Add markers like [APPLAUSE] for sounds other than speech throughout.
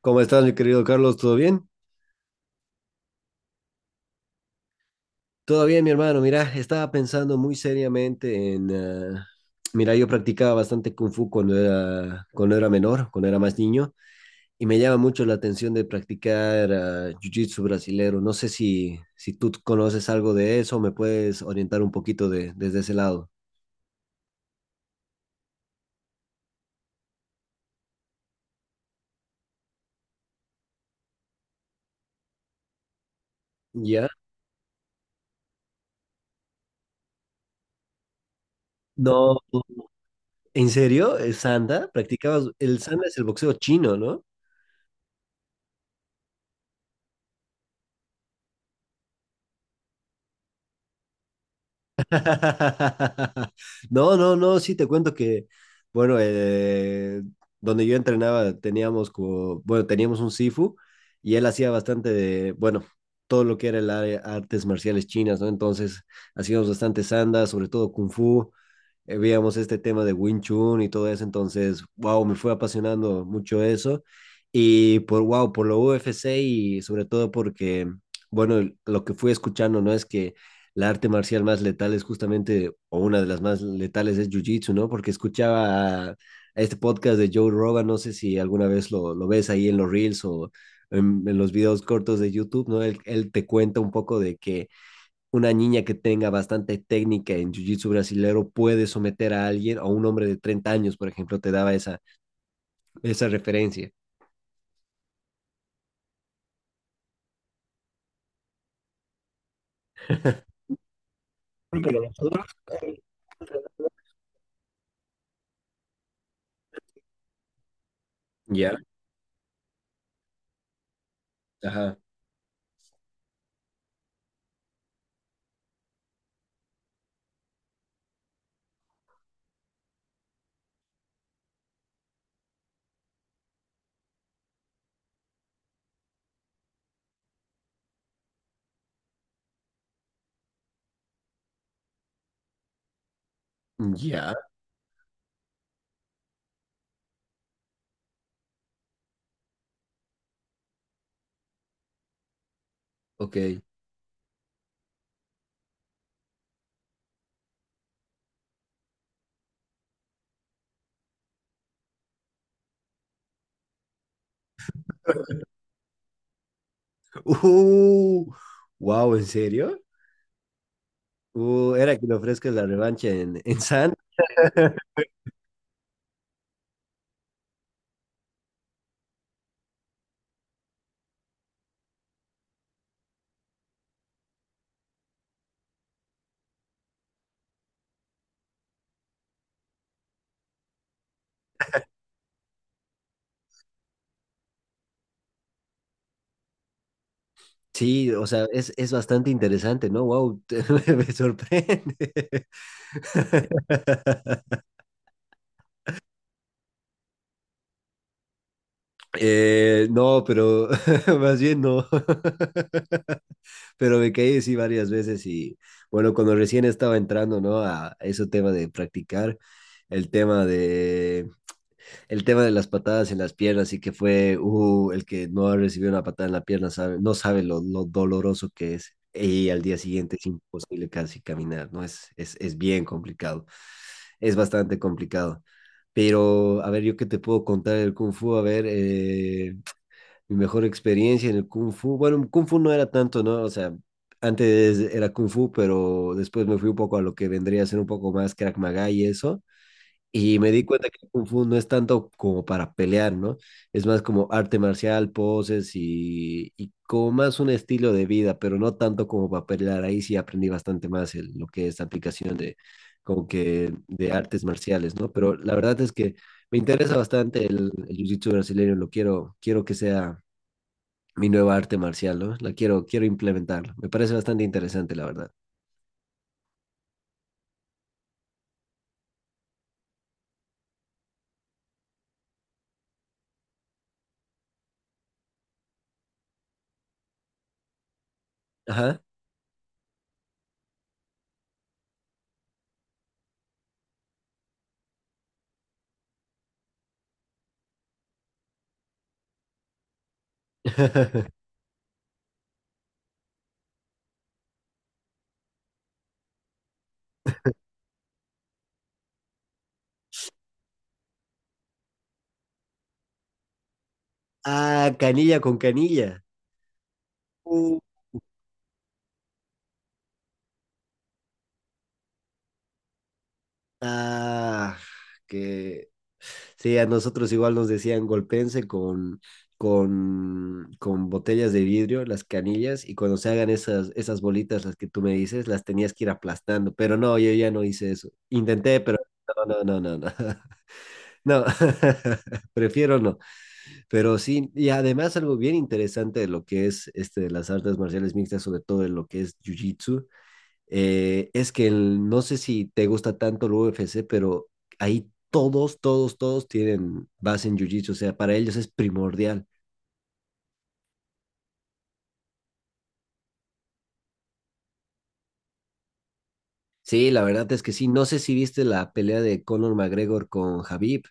¿Cómo estás, mi querido Carlos? ¿Todo bien? Todo bien, mi hermano. Mira, estaba pensando muy seriamente en... mira, yo practicaba bastante Kung Fu cuando era menor, cuando era más niño, y me llama mucho la atención de practicar Jiu-Jitsu brasilero. No sé si tú conoces algo de eso, me puedes orientar un poquito desde ese lado. ¿Ya? No, ¿en serio? ¿El Sanda? ¿Practicabas? El Sanda es el boxeo chino, ¿no? [LAUGHS] No, no, no, sí te cuento que, bueno, donde yo entrenaba teníamos como, bueno, teníamos un Sifu y él hacía bastante de, bueno, todo lo que era el área artes marciales chinas, ¿no? Entonces hacíamos bastante sanda, sobre todo Kung Fu, veíamos este tema de Wing Chun y todo eso, entonces, wow, me fue apasionando mucho eso. Y por, wow, por lo UFC y sobre todo porque, bueno, lo que fui escuchando, ¿no? Es que la arte marcial más letal es justamente, o una de las más letales es Jiu-Jitsu, ¿no? Porque escuchaba a este podcast de Joe Rogan, no sé si alguna vez lo ves ahí en los reels o en los videos cortos de YouTube, ¿no? Él te cuenta un poco de que una niña que tenga bastante técnica en jiu-jitsu brasilero puede someter a alguien, a un hombre de 30 años, por ejemplo, te daba esa, esa referencia. Ya, ajá, ya, ok. Uh, wow, ¿en serio? Era que le ofrezcas la revancha en San. [LAUGHS] Sí, o sea, es bastante interesante, ¿no? Wow, [LAUGHS] me sorprende. [LAUGHS] No, pero [LAUGHS] más bien no. [LAUGHS] Pero me caí sí varias veces y bueno, cuando recién estaba entrando, ¿no? A ese tema de practicar, el tema de, el tema de las patadas en las piernas y que fue, el que no ha recibido una patada en la pierna sabe, no sabe lo doloroso que es y al día siguiente es imposible casi caminar, ¿no? Es bien complicado, es bastante complicado. Pero, a ver, yo qué te puedo contar del Kung Fu, a ver, mi mejor experiencia en el Kung Fu. Bueno, Kung Fu no era tanto, ¿no? O sea, antes era Kung Fu, pero después me fui un poco a lo que vendría a ser un poco más Krav Maga y eso. Y me di cuenta que el Kung Fu no es tanto como para pelear, ¿no? Es más como arte marcial, poses y como más un estilo de vida, pero no tanto como para pelear. Ahí sí aprendí bastante más lo que es la aplicación de, como que de artes marciales, ¿no? Pero la verdad es que me interesa bastante el jiu-jitsu brasileño, lo quiero que sea mi nueva arte marcial, ¿no? La quiero implementar. Me parece bastante interesante, la verdad. Ajá. [LAUGHS] Ah, canilla con canilla. Uh, Ah, que sí, a nosotros igual nos decían golpense con, con botellas de vidrio, las canillas, y cuando se hagan esas bolitas, las que tú me dices, las tenías que ir aplastando, pero no, yo ya no hice eso. Intenté, pero no, no, no, no, no. [LAUGHS] No, [LAUGHS] prefiero no. Pero sí, y además algo bien interesante de lo que es este de las artes marciales mixtas, sobre todo de lo que es Jiu-Jitsu, es que no sé si te gusta tanto el UFC, pero ahí todos tienen base en Jiu-Jitsu, o sea, para ellos es primordial. Sí, la verdad es que sí. No sé si viste la pelea de Conor McGregor con Habib.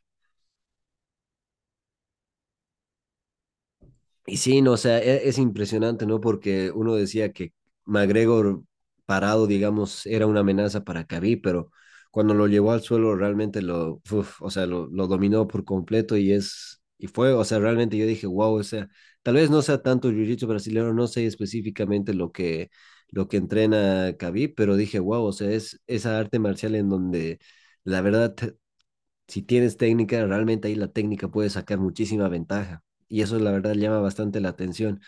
Y sí, no, o sea, es, impresionante, ¿no? Porque uno decía que McGregor parado, digamos, era una amenaza para Khabib, pero cuando lo llevó al suelo realmente lo, uf, o sea, lo dominó por completo y es, y fue, o sea, realmente yo dije, wow, o sea, tal vez no sea tanto jiu-jitsu brasileño, no sé específicamente lo lo que entrena Khabib, pero dije, wow, o sea, es esa arte marcial en donde la verdad si tienes técnica, realmente ahí la técnica puede sacar muchísima ventaja. Y eso la verdad llama bastante la atención.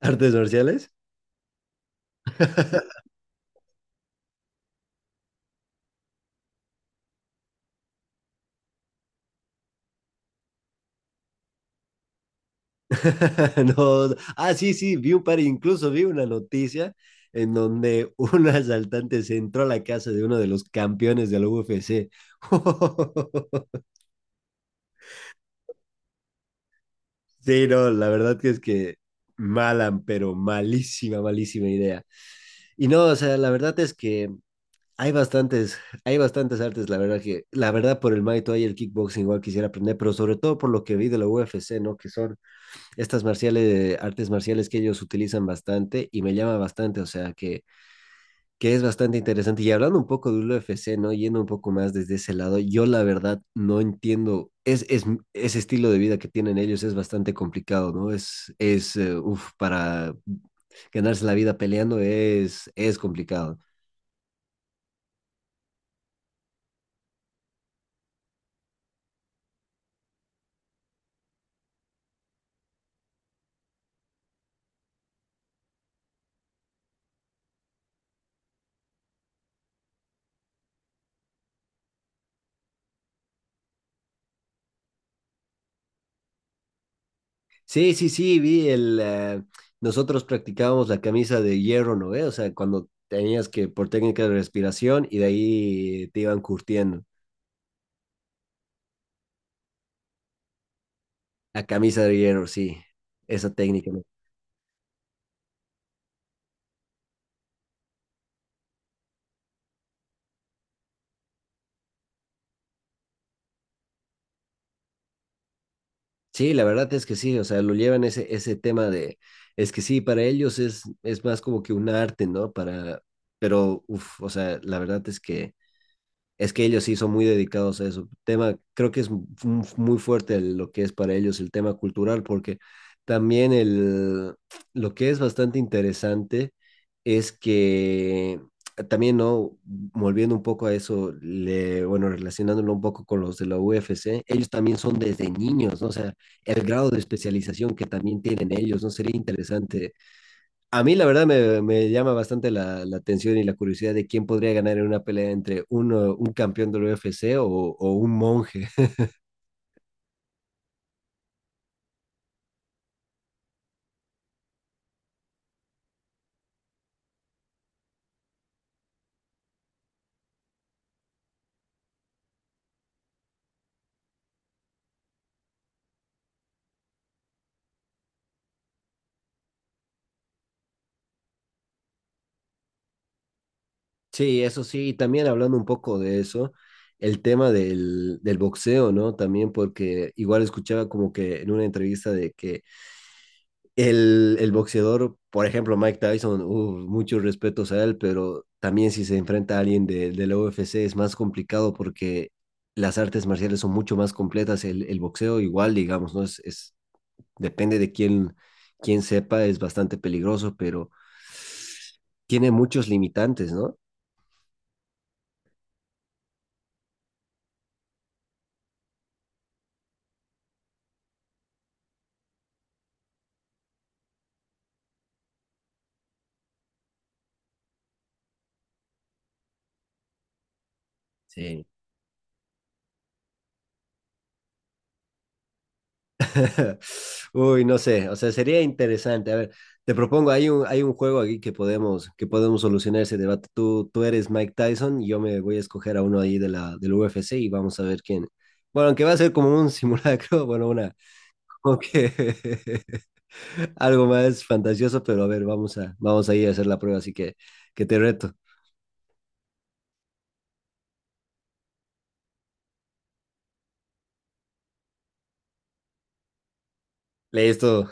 ¿Artes marciales? [LAUGHS] No, ah, sí, sí, vi un par, incluso vi una noticia en donde [LAUGHS] un asaltante se entró a la casa de uno de los campeones de la UFC. [LAUGHS] Sí, no, la verdad que es que mala, pero malísima, malísima idea. Y no, o sea, la verdad es que hay bastantes, hay bastantes artes, la verdad que, la verdad por el Muay Thai y el kickboxing igual quisiera aprender, pero sobre todo por lo que vi de la UFC, ¿no? Que son estas marciales, artes marciales que ellos utilizan bastante y me llama bastante, o sea que es bastante interesante. Y hablando un poco del UFC, ¿no? Yendo un poco más desde ese lado, yo la verdad no entiendo, ese estilo de vida que tienen ellos es bastante complicado, ¿no? Es, uf, para ganarse la vida peleando es complicado. Sí, sí, sí, vi el... nosotros practicábamos la camisa de hierro, ¿no? ¿Ve? O sea, cuando tenías que por técnica de respiración y de ahí te iban curtiendo. La camisa de hierro, sí, esa técnica, ¿no? Sí, la verdad es que sí, o sea, lo llevan ese tema de... Es que sí, para ellos es más como que un arte, ¿no? Para... Pero, uff, o sea, la verdad es que... Es que ellos sí son muy dedicados a eso. Tema, creo que es muy fuerte lo que es para ellos el tema cultural, porque también lo que es bastante interesante es que también, ¿no? Volviendo un poco a eso, le, bueno, relacionándolo un poco con los de la UFC, ellos también son desde niños, ¿no? O sea, el grado de especialización que también tienen ellos, ¿no? Sería interesante, a mí la verdad me, me llama bastante la atención y la curiosidad de quién podría ganar en una pelea entre uno, un campeón del UFC o un monje. [LAUGHS] Sí, eso sí, y también hablando un poco de eso, el tema del boxeo, ¿no? También porque igual escuchaba como que en una entrevista de que el boxeador, por ejemplo, Mike Tyson, uf, muchos respetos a él, pero también si se enfrenta a alguien de la UFC es más complicado porque las artes marciales son mucho más completas. El boxeo igual, digamos, ¿no? Depende de quién, quién sepa, es bastante peligroso, pero tiene muchos limitantes, ¿no? Sí. [LAUGHS] Uy, no sé, o sea, sería interesante. A ver, te propongo, hay un juego aquí que podemos solucionar ese debate. Tú eres Mike Tyson, y yo me voy a escoger a uno ahí de del UFC y vamos a ver quién. Bueno, aunque va a ser como un simulacro, [LAUGHS] bueno, una, como que [LAUGHS] algo más fantasioso, pero a ver, vamos vamos a ir a hacer la prueba, así que te reto. Listo,